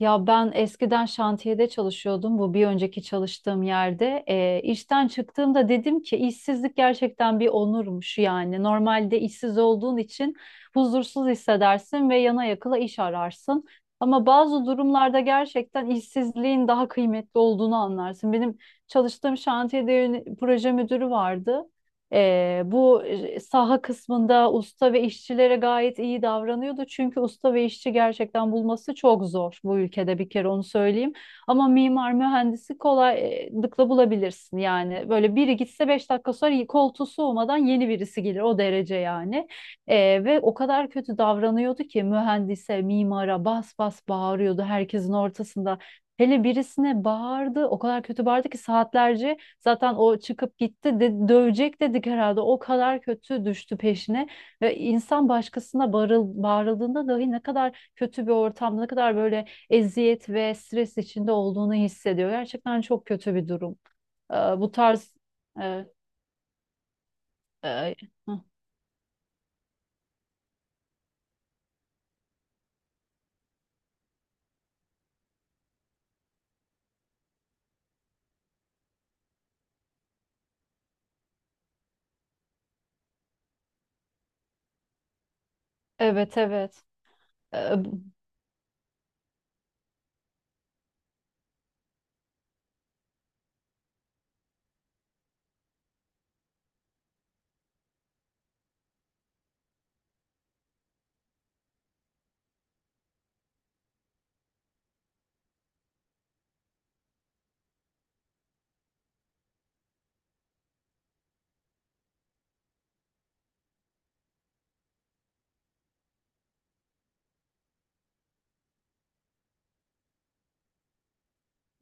Ya ben eskiden şantiyede çalışıyordum. Bu bir önceki çalıştığım yerde. İşten çıktığımda dedim ki işsizlik gerçekten bir onurmuş yani. Normalde işsiz olduğun için huzursuz hissedersin ve yana yakıla iş ararsın. Ama bazı durumlarda gerçekten işsizliğin daha kıymetli olduğunu anlarsın. Benim çalıştığım şantiyede proje müdürü vardı. Bu saha kısmında usta ve işçilere gayet iyi davranıyordu. Çünkü usta ve işçi gerçekten bulması çok zor bu ülkede bir kere onu söyleyeyim. Ama mimar mühendisi kolaylıkla bulabilirsin yani. Böyle biri gitse 5 dakika sonra koltuğu soğumadan yeni birisi gelir o derece yani. Ee, Ve o kadar kötü davranıyordu ki mühendise, mimara bas bas bağırıyordu herkesin ortasında. Hele birisine bağırdı, o kadar kötü bağırdı ki saatlerce. Zaten o çıkıp gitti de, dövecek dedik herhalde. O kadar kötü düştü peşine. Ve insan başkasına bağırıldığında dahi ne kadar kötü bir ortamda, ne kadar böyle eziyet ve stres içinde olduğunu hissediyor. Gerçekten çok kötü bir durum. Ee, Bu tarz... Ee, e, hı. Evet, evet. Ee,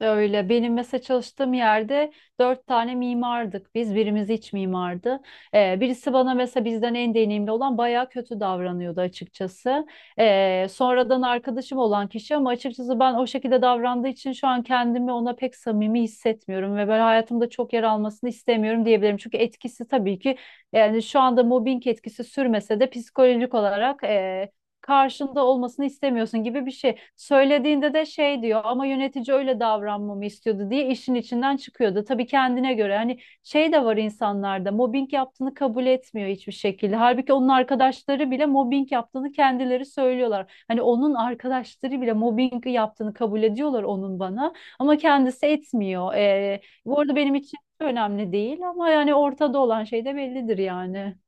Öyle. Benim mesela çalıştığım yerde dört tane mimardık biz. Birimiz iç mimardı. Birisi bana mesela bizden en deneyimli olan bayağı kötü davranıyordu açıkçası. Sonradan arkadaşım olan kişi ama açıkçası ben o şekilde davrandığı için şu an kendimi ona pek samimi hissetmiyorum ve ben hayatımda çok yer almasını istemiyorum diyebilirim. Çünkü etkisi tabii ki yani şu anda mobbing etkisi sürmese de psikolojik olarak karşında olmasını istemiyorsun gibi bir şey. Söylediğinde de şey diyor ama yönetici öyle davranmamı istiyordu diye işin içinden çıkıyordu. Tabii kendine göre hani şey de var insanlarda mobbing yaptığını kabul etmiyor hiçbir şekilde. Halbuki onun arkadaşları bile mobbing yaptığını kendileri söylüyorlar. Hani onun arkadaşları bile mobbing yaptığını kabul ediyorlar onun bana, ama kendisi etmiyor. Bu arada benim için önemli değil ama yani ortada olan şey de bellidir yani.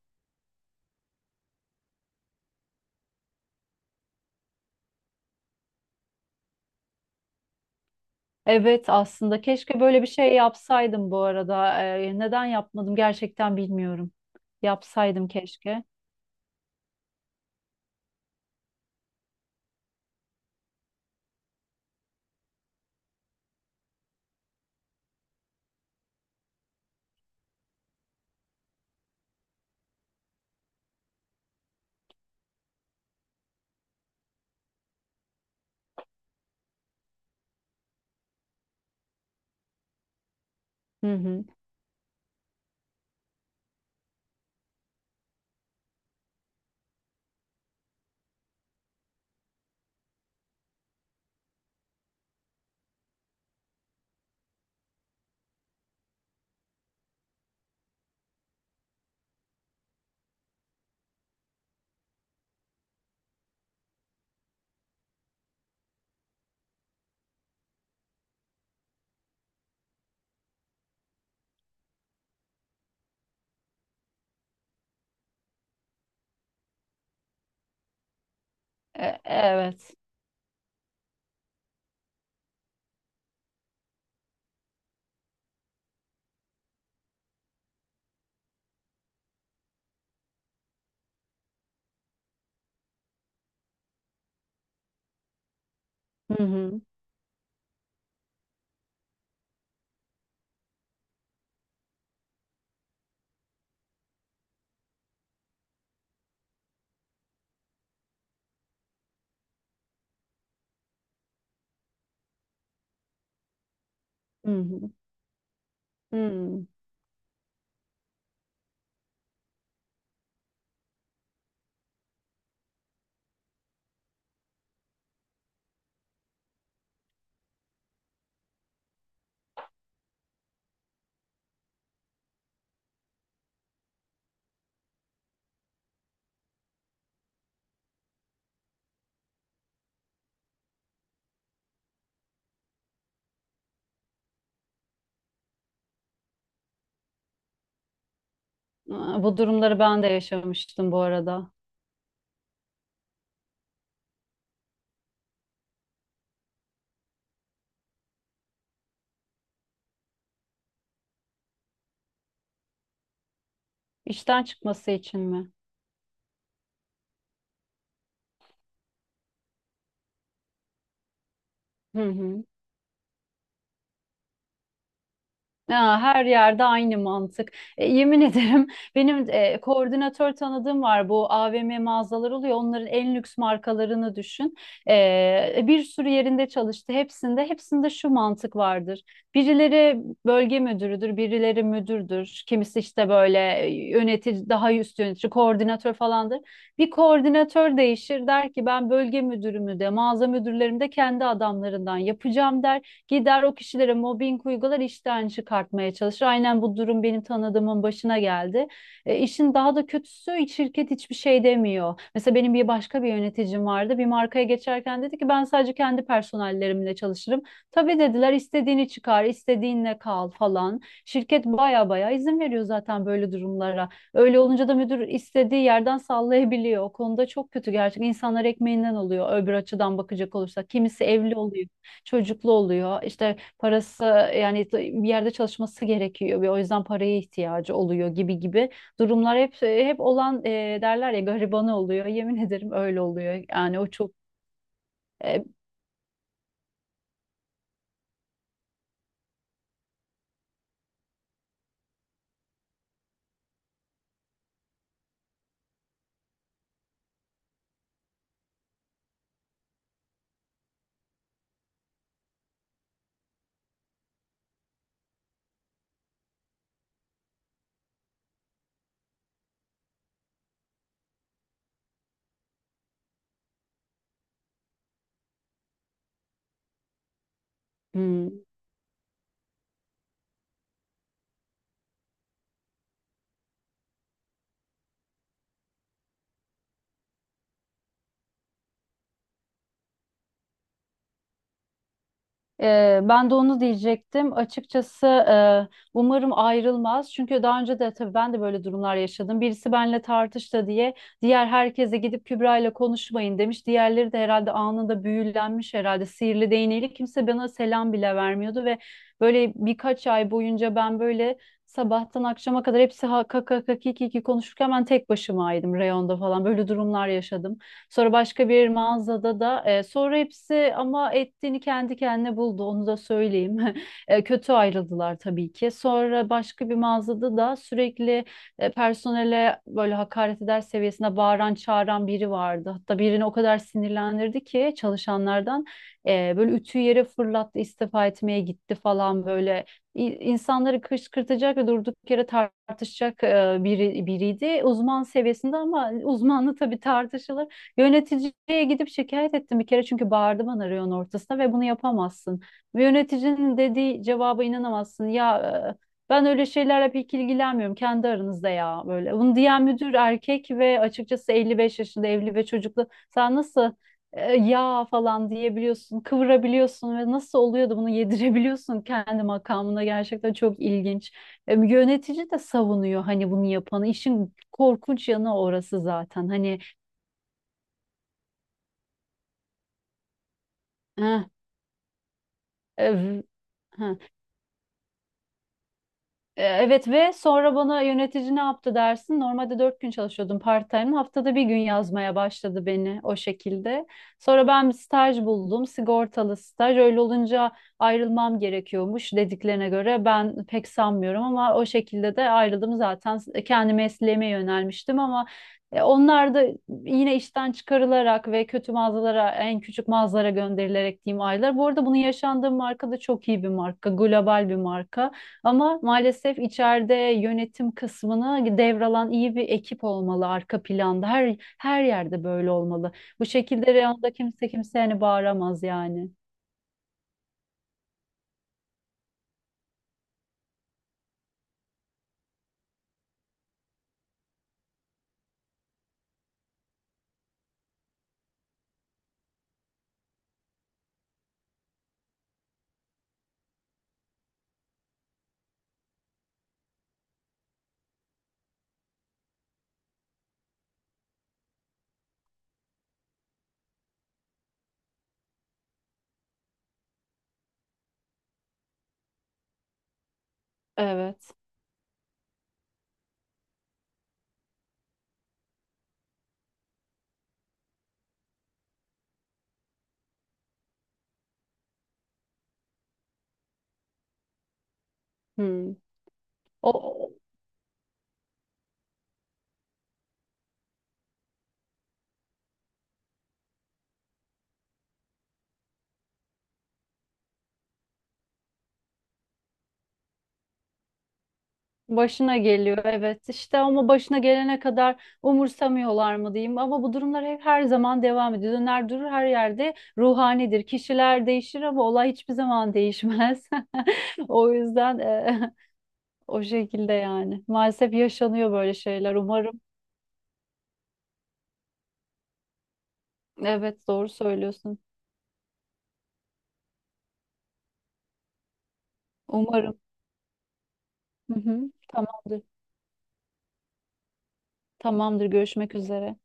Evet, aslında keşke böyle bir şey yapsaydım bu arada. Neden yapmadım gerçekten bilmiyorum. Yapsaydım keşke. Hı hı. Evet. Hı hı. Hı hı. Hı. Aa, bu durumları ben de yaşamıştım bu arada. İşten çıkması için mi? Hı hı. Ya, her yerde aynı mantık. Yemin ederim benim koordinatör tanıdığım var. Bu AVM mağazalar oluyor. Onların en lüks markalarını düşün. Bir sürü yerinde çalıştı. Hepsinde, hepsinde şu mantık vardır. Birileri bölge müdürüdür, birileri müdürdür. Kimisi işte böyle yönetici, daha üst yönetici, koordinatör falandır. Bir koordinatör değişir der ki ben bölge müdürümü de mağaza müdürlerimi de kendi adamlarından yapacağım der. Gider o kişilere mobbing uygular, işten çıkartmaya çalışır. Aynen bu durum benim tanıdığımın başına geldi. İşin daha da kötüsü şirket hiçbir şey demiyor. Mesela benim başka bir yöneticim vardı. Bir markaya geçerken dedi ki ben sadece kendi personellerimle çalışırım. Tabii dediler istediğini çıkar, istediğinle kal falan. Şirket baya baya izin veriyor zaten böyle durumlara. Öyle olunca da müdür istediği yerden sallayabiliyor. O konuda çok kötü gerçekten. İnsanlar ekmeğinden oluyor öbür açıdan bakacak olursak. Kimisi evli oluyor, çocuklu oluyor. İşte parası, yani bir yerde çalışması gerekiyor ve o yüzden paraya ihtiyacı oluyor gibi gibi durumlar hep olan, derler ya garibanı oluyor. Yemin ederim öyle oluyor. Yani o çok e, hmm, ben de onu diyecektim. Açıkçası umarım ayrılmaz. Çünkü daha önce de tabii ben de böyle durumlar yaşadım. Birisi benimle tartıştı diye diğer herkese gidip Kübra ile konuşmayın demiş. Diğerleri de herhalde anında büyülenmiş herhalde sihirli değneğiyle kimse bana selam bile vermiyordu ve böyle birkaç ay boyunca ben böyle sabahtan akşama kadar hepsi ha kaka kaki kiki konuşurken ben tek başımaydım reyonda falan böyle durumlar yaşadım. Sonra başka bir mağazada da e, sonra hepsi ama ettiğini kendi kendine buldu onu da söyleyeyim. Kötü ayrıldılar tabii ki. Sonra başka bir mağazada da sürekli personele böyle hakaret eder seviyesinde bağıran çağıran biri vardı. Hatta birini o kadar sinirlendirdi ki çalışanlardan böyle ütüyü yere fırlattı istifa etmeye gitti falan böyle. İnsanları kışkırtacak ve durduk yere tartışacak biriydi. Uzman seviyesinde ama uzmanlı tabii tartışılır. Yöneticiye gidip şikayet ettim bir kere çünkü bağırdı bana reyon ortasında ve bunu yapamazsın. Ve yöneticinin dediği cevaba inanamazsın. Ya, ben öyle şeylerle pek ilgilenmiyorum kendi aranızda ya böyle. Bunu diyen müdür erkek ve açıkçası 55 yaşında evli ve çocuklu. Sen nasıl ya falan diyebiliyorsun, kıvırabiliyorsun ve nasıl oluyor da bunu yedirebiliyorsun kendi makamına, gerçekten çok ilginç. Yönetici de savunuyor hani bunu yapanı. İşin korkunç yanı orası zaten. Hani eh, Ev, ha. Evet ve sonra bana yönetici ne yaptı dersin? Normalde dört gün çalışıyordum part-time. Haftada bir gün yazmaya başladı beni o şekilde. Sonra ben bir staj buldum. Sigortalı staj. Öyle olunca ayrılmam gerekiyormuş dediklerine göre. Ben pek sanmıyorum ama o şekilde de ayrıldım zaten. Kendi mesleğime yönelmiştim ama onlar da yine işten çıkarılarak ve kötü mağazalara, en küçük mağazalara gönderilerek diyeyim aylar. Bu arada bunu yaşandığım marka da çok iyi bir marka. Global bir marka. Ama maalesef içeride yönetim kısmını devralan iyi bir ekip olmalı arka planda. Her yerde böyle olmalı. Bu şekilde reyonda kimse kimseye hani bağıramaz yani. Evet. Hmm. O o- Başına geliyor evet işte, ama başına gelene kadar umursamıyorlar mı diyeyim, ama bu durumlar hep her zaman devam ediyor. Döner durur her yerde ruhanidir. Kişiler değişir ama olay hiçbir zaman değişmez. O yüzden o şekilde yani. Maalesef yaşanıyor böyle şeyler. Umarım. Evet doğru söylüyorsun. Umarım. Hı hı. Tamamdır. Tamamdır. Görüşmek üzere.